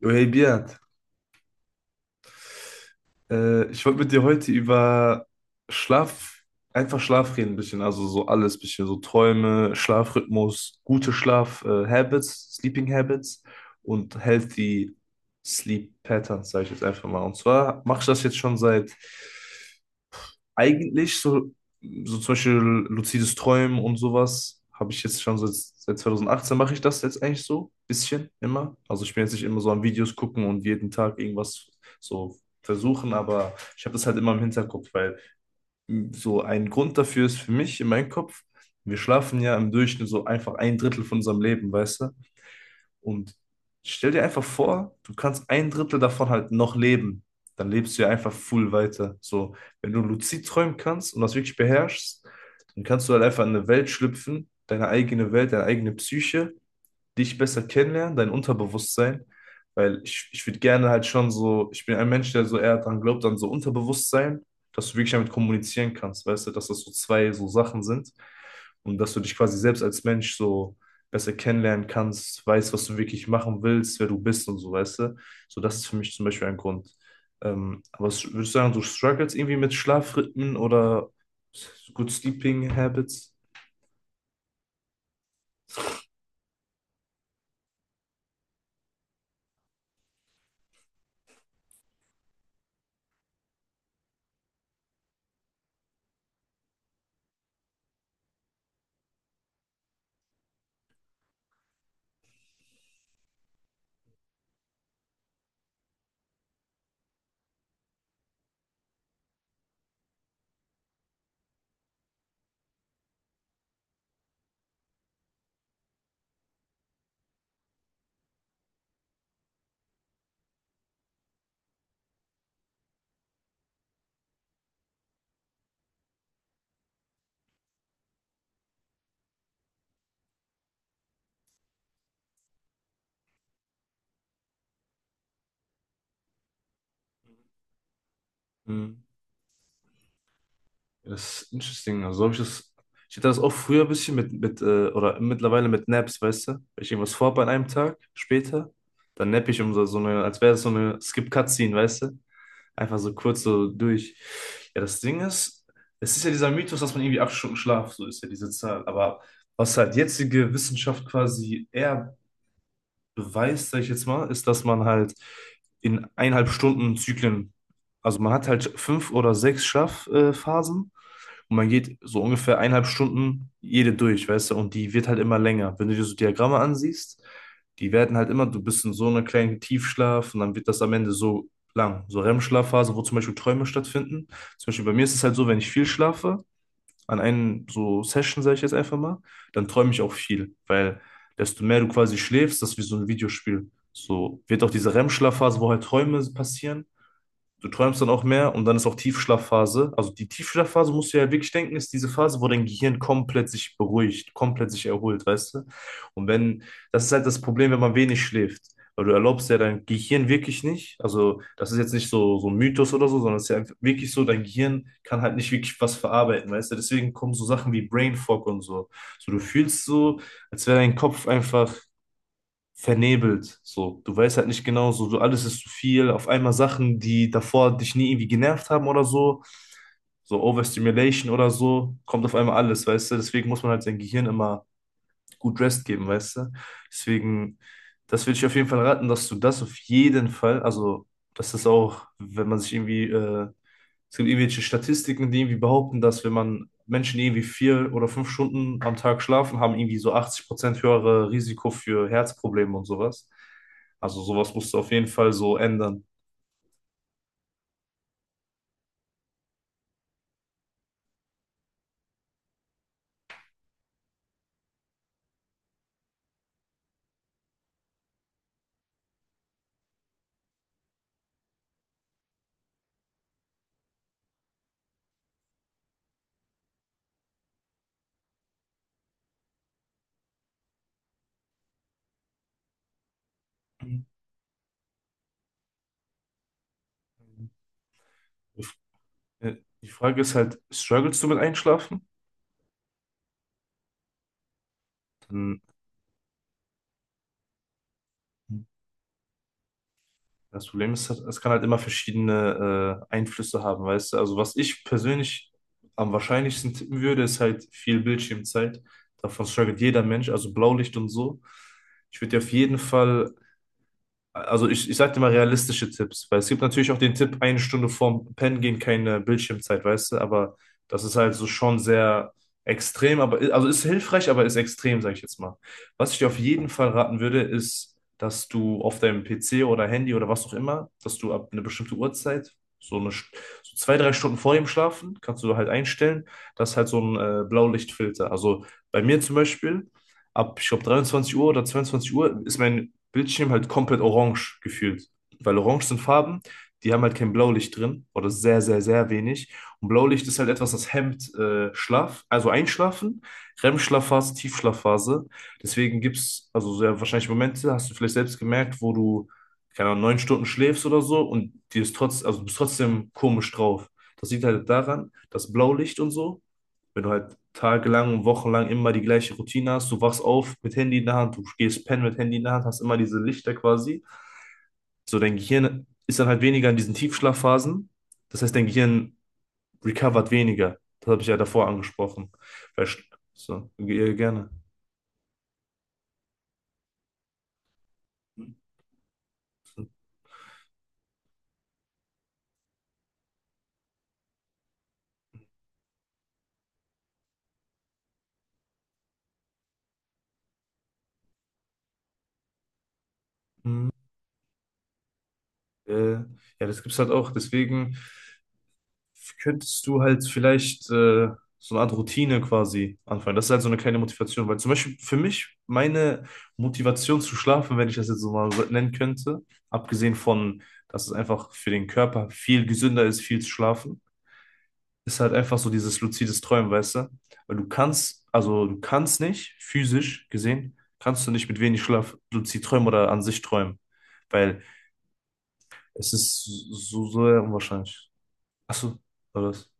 Jo, Hey Beat, ich wollte mit dir heute über Schlaf, einfach Schlaf reden ein bisschen, also so alles ein bisschen, so Träume, Schlafrhythmus, gute Schlaf, Habits, Sleeping Habits und healthy Sleep Patterns, sage ich jetzt einfach mal. Und zwar mache ich das jetzt schon seit eigentlich so, so zum Beispiel luzides Träumen und sowas habe ich jetzt schon seit 2018, mache ich das jetzt eigentlich so, bisschen immer. Also ich bin jetzt nicht immer so am Videos gucken und jeden Tag irgendwas so versuchen, aber ich habe das halt immer im Hinterkopf, weil so ein Grund dafür ist für mich in meinem Kopf, wir schlafen ja im Durchschnitt so einfach ein Drittel von unserem Leben, weißt du? Und stell dir einfach vor, du kannst ein Drittel davon halt noch leben. Dann lebst du ja einfach full weiter. So, wenn du luzid träumen kannst und das wirklich beherrschst, dann kannst du halt einfach in eine Welt schlüpfen, deine eigene Welt, deine eigene Psyche, dich besser kennenlernen, dein Unterbewusstsein. Weil ich würde gerne halt schon so, ich bin ein Mensch, der so eher dran glaubt, an so Unterbewusstsein, dass du wirklich damit kommunizieren kannst, weißt du, dass das so zwei so Sachen sind und dass du dich quasi selbst als Mensch so besser kennenlernen kannst, weißt, was du wirklich machen willst, wer du bist und so, weißt du. So, das ist für mich zum Beispiel ein Grund. Aber würdest du sagen, du struggles irgendwie mit Schlafrhythmen oder good sleeping habits? Hm. Ja, das ist interesting. Also habe ich das. Ich hatte das auch früher ein bisschen mit oder mittlerweile mit Naps, weißt du? Wenn ich irgendwas vorhabe an einem Tag, später, dann nappe ich um so, so eine, als wäre es so eine Skip-Cutscene, weißt du? Einfach so kurz so durch. Ja, das Ding ist, es ist ja dieser Mythos, dass man irgendwie 8 Stunden Schlaf, so ist ja diese Zahl. Aber was halt jetzige Wissenschaft quasi eher beweist, sag ich jetzt mal, ist, dass man halt in 1,5 Stunden Zyklen, also man hat halt 5 oder 6 Schlafphasen. Und man geht so ungefähr 1,5 Stunden jede durch, weißt du, und die wird halt immer länger. Wenn du dir so Diagramme ansiehst, die werden halt immer, du bist in so einer kleinen Tiefschlaf und dann wird das am Ende so lang. So rem schlafphase wo zum Beispiel Träume stattfinden. Zum Beispiel bei mir ist es halt so, wenn ich viel schlafe, an einen so Session, sage ich jetzt einfach mal, dann träume ich auch viel, weil desto mehr du quasi schläfst, das ist wie so ein Videospiel. So wird auch diese REM-Schlafphase, wo halt Träume passieren. Du träumst dann auch mehr und dann ist auch Tiefschlafphase. Also die Tiefschlafphase, musst du ja wirklich denken, ist diese Phase, wo dein Gehirn komplett sich beruhigt, komplett sich erholt, weißt du? Und wenn, das ist halt das Problem, wenn man wenig schläft. Weil du erlaubst ja dein Gehirn wirklich nicht, also das ist jetzt nicht so, so ein Mythos oder so, sondern es ist ja einfach wirklich so, dein Gehirn kann halt nicht wirklich was verarbeiten, weißt du? Deswegen kommen so Sachen wie Brain Fog und so. So du fühlst so, als wäre dein Kopf einfach vernebelt. So, du weißt halt nicht genau, so, so alles ist zu viel. Auf einmal Sachen, die davor dich nie irgendwie genervt haben oder so, so Overstimulation oder so, kommt auf einmal alles, weißt du? Deswegen muss man halt sein Gehirn immer gut Rest geben, weißt du? Deswegen, das würde ich auf jeden Fall raten, dass du das auf jeden Fall, also, dass das auch, wenn man sich irgendwie es gibt irgendwelche Statistiken, die irgendwie behaupten, dass wenn man Menschen die irgendwie 4 oder 5 Stunden am Tag schlafen, haben irgendwie so 80% höhere Risiko für Herzprobleme und sowas. Also sowas musst du auf jeden Fall so ändern. Die Frage ist halt, struggles du mit Einschlafen? Dann, das Problem ist, halt, es kann halt immer verschiedene Einflüsse haben, weißt du? Also was ich persönlich am wahrscheinlichsten tippen würde, ist halt viel Bildschirmzeit. Davon struggelt jeder Mensch, also Blaulicht und so. Ich würde dir auf jeden Fall, also ich sag dir mal realistische Tipps, weil es gibt natürlich auch den Tipp, 1 Stunde vorm Pennen gehen, keine Bildschirmzeit, weißt du, aber das ist halt so schon sehr extrem, aber also ist hilfreich, aber ist extrem, sag ich jetzt mal. Was ich dir auf jeden Fall raten würde, ist, dass du auf deinem PC oder Handy oder was auch immer, dass du ab einer bestimmten Uhrzeit, so eine St- so 2, 3 Stunden vor dem Schlafen, kannst du halt einstellen, dass halt so ein Blaulichtfilter. Also bei mir zum Beispiel ab, ich glaube, 23 Uhr oder 22 Uhr ist mein Bildschirm halt komplett orange gefühlt. Weil orange sind Farben, die haben halt kein Blaulicht drin oder sehr, sehr, sehr wenig. Und Blaulicht ist halt etwas, das hemmt Schlaf, also Einschlafen, REM-Schlafphase, Tiefschlafphase. Deswegen gibt es also sehr wahrscheinlich Momente, hast du vielleicht selbst gemerkt, wo du, keine Ahnung, 9 Stunden schläfst oder so und dir ist trotz, also du bist trotzdem komisch drauf. Das liegt halt daran, dass Blaulicht und so, wenn du halt tagelang, wochenlang immer die gleiche Routine hast, du wachst auf mit Handy in der Hand, du gehst pennen mit Handy in der Hand, hast immer diese Lichter quasi. So, dein Gehirn ist dann halt weniger in diesen Tiefschlafphasen. Das heißt, dein Gehirn recovert weniger. Das habe ich ja davor angesprochen. Verst- Gerne. Hm, ja, das gibt es halt auch. Deswegen könntest du halt vielleicht so eine Art Routine quasi anfangen. Das ist halt so eine kleine Motivation, weil zum Beispiel für mich meine Motivation zu schlafen, wenn ich das jetzt so mal so nennen könnte, abgesehen von, dass es einfach für den Körper viel gesünder ist, viel zu schlafen, ist halt einfach so dieses luzides Träumen, weißt du? Weil du kannst, also du kannst nicht, physisch gesehen, kannst du nicht mit wenig Schlaf luzid träumen oder an sich träumen, weil es ist so, so sehr unwahrscheinlich. Achso, oder was?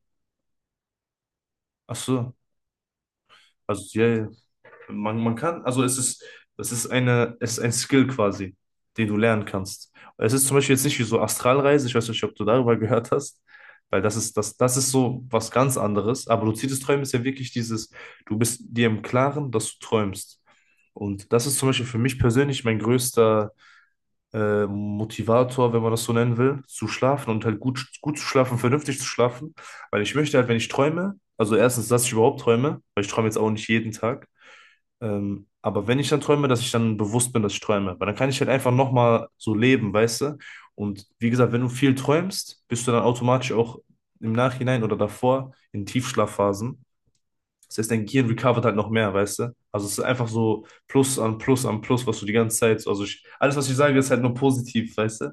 Achso. Also ja, ja. Man kann, also es ist eine, es ist ein Skill quasi, den du lernen kannst. Es ist zum Beispiel jetzt nicht wie so Astralreise, ich weiß nicht, ob du darüber gehört hast, weil das ist, das ist so was ganz anderes. Aber luzides Träumen ist ja wirklich dieses, du bist dir im Klaren, dass du träumst. Und das ist zum Beispiel für mich persönlich mein größter Motivator, wenn man das so nennen will, zu schlafen und halt gut, gut zu schlafen, vernünftig zu schlafen. Weil ich möchte halt, wenn ich träume, also erstens, dass ich überhaupt träume, weil ich träume jetzt auch nicht jeden Tag. Aber wenn ich dann träume, dass ich dann bewusst bin, dass ich träume, weil dann kann ich halt einfach nochmal so leben, weißt du? Und wie gesagt, wenn du viel träumst, bist du dann automatisch auch im Nachhinein oder davor in Tiefschlafphasen. Das heißt, dein Gehirn recovert halt noch mehr, weißt du? Also es ist einfach so Plus an Plus an Plus, was du die ganze Zeit, also ich, alles, was ich sage, ist halt nur positiv, weißt du?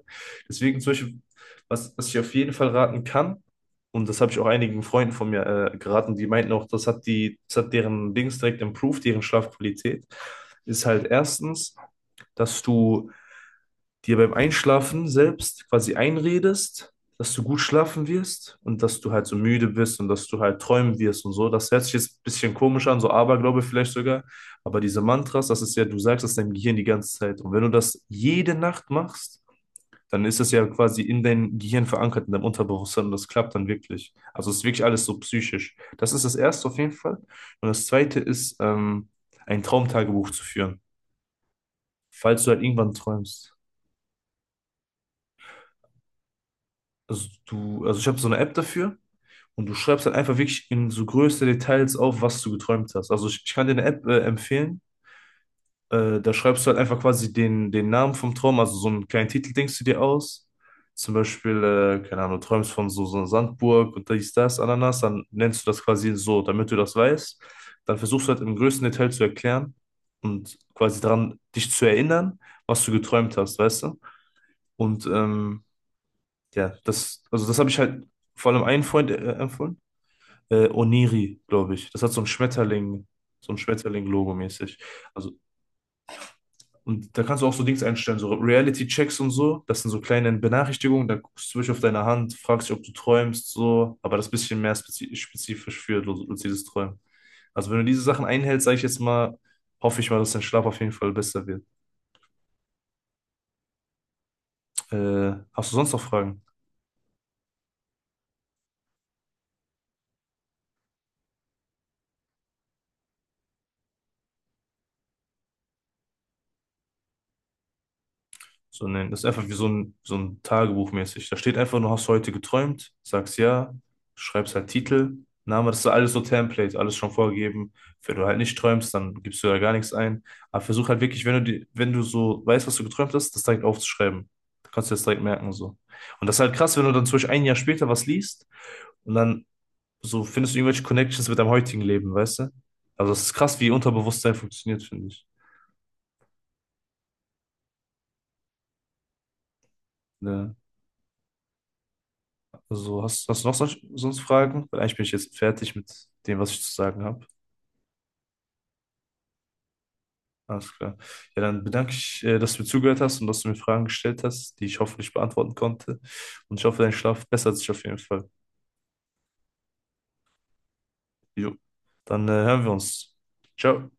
Deswegen zum Beispiel, was ich auf jeden Fall raten kann, und das habe ich auch einigen Freunden von mir geraten, die meinten auch, das hat die, das hat deren Dings direkt improved, deren Schlafqualität, ist halt erstens, dass du dir beim Einschlafen selbst quasi einredest, dass du gut schlafen wirst und dass du halt so müde bist und dass du halt träumen wirst und so. Das hört sich jetzt ein bisschen komisch an, so Aberglaube vielleicht sogar. Aber diese Mantras, das ist ja, du sagst das deinem Gehirn die ganze Zeit. Und wenn du das jede Nacht machst, dann ist das ja quasi in deinem Gehirn verankert, in deinem Unterbewusstsein und das klappt dann wirklich. Also es ist wirklich alles so psychisch. Das ist das Erste auf jeden Fall. Und das Zweite ist, ein Traumtagebuch zu führen, falls du halt irgendwann träumst. Also du, also ich habe so eine App dafür und du schreibst halt einfach wirklich in so größte Details auf, was du geträumt hast. Also ich kann dir eine App empfehlen. Da schreibst du halt einfach quasi den Namen vom Traum, also so einen kleinen Titel denkst du dir aus. Zum Beispiel, keine Ahnung, du träumst von so, so einer Sandburg und dies, das, Ananas, dann nennst du das quasi so, damit du das weißt. Dann versuchst du halt im größten Detail zu erklären und quasi daran dich zu erinnern, was du geträumt hast, weißt du? Und ähm, ja, das, also das habe ich halt vor allem einen Freund empfohlen. Oniri, glaube ich. Das hat so ein Schmetterling, so ein Schmetterling-Logo mäßig. Also, und da kannst du auch so Dings einstellen, so Reality-Checks und so. Das sind so kleine Benachrichtigungen, da guckst du wirklich auf deine Hand, fragst dich, ob du träumst, so. Aber das ist ein bisschen mehr spezifisch für luzides Träumen. Also, wenn du diese Sachen einhältst, sage ich jetzt mal, hoffe ich mal, dass dein Schlaf auf jeden Fall besser wird. Hast du sonst noch Fragen? So nennen. Das ist einfach wie so ein Tagebuch mäßig. Da steht einfach nur, hast du heute geträumt, sagst ja, schreibst halt Titel, Name, das ist alles so Template, alles schon vorgegeben. Wenn du halt nicht träumst, dann gibst du da gar nichts ein. Aber versuch halt wirklich, wenn du, die, wenn du so weißt, was du geträumt hast, das direkt aufzuschreiben. Da kannst du das direkt merken, so. Und das ist halt krass, wenn du dann zum Beispiel 1 Jahr später was liest und dann so findest du irgendwelche Connections mit deinem heutigen Leben, weißt du? Also, es ist krass, wie Unterbewusstsein funktioniert, finde ich. Ja, also hast, hast du noch sonst Fragen? Weil eigentlich bin ich jetzt fertig mit dem, was ich zu sagen habe. Alles klar. Ja, dann bedanke ich, dass du mir zugehört hast und dass du mir Fragen gestellt hast, die ich hoffentlich beantworten konnte. Und ich hoffe, dein Schlaf bessert sich auf jeden Fall. Jo. Dann, hören wir uns. Ciao.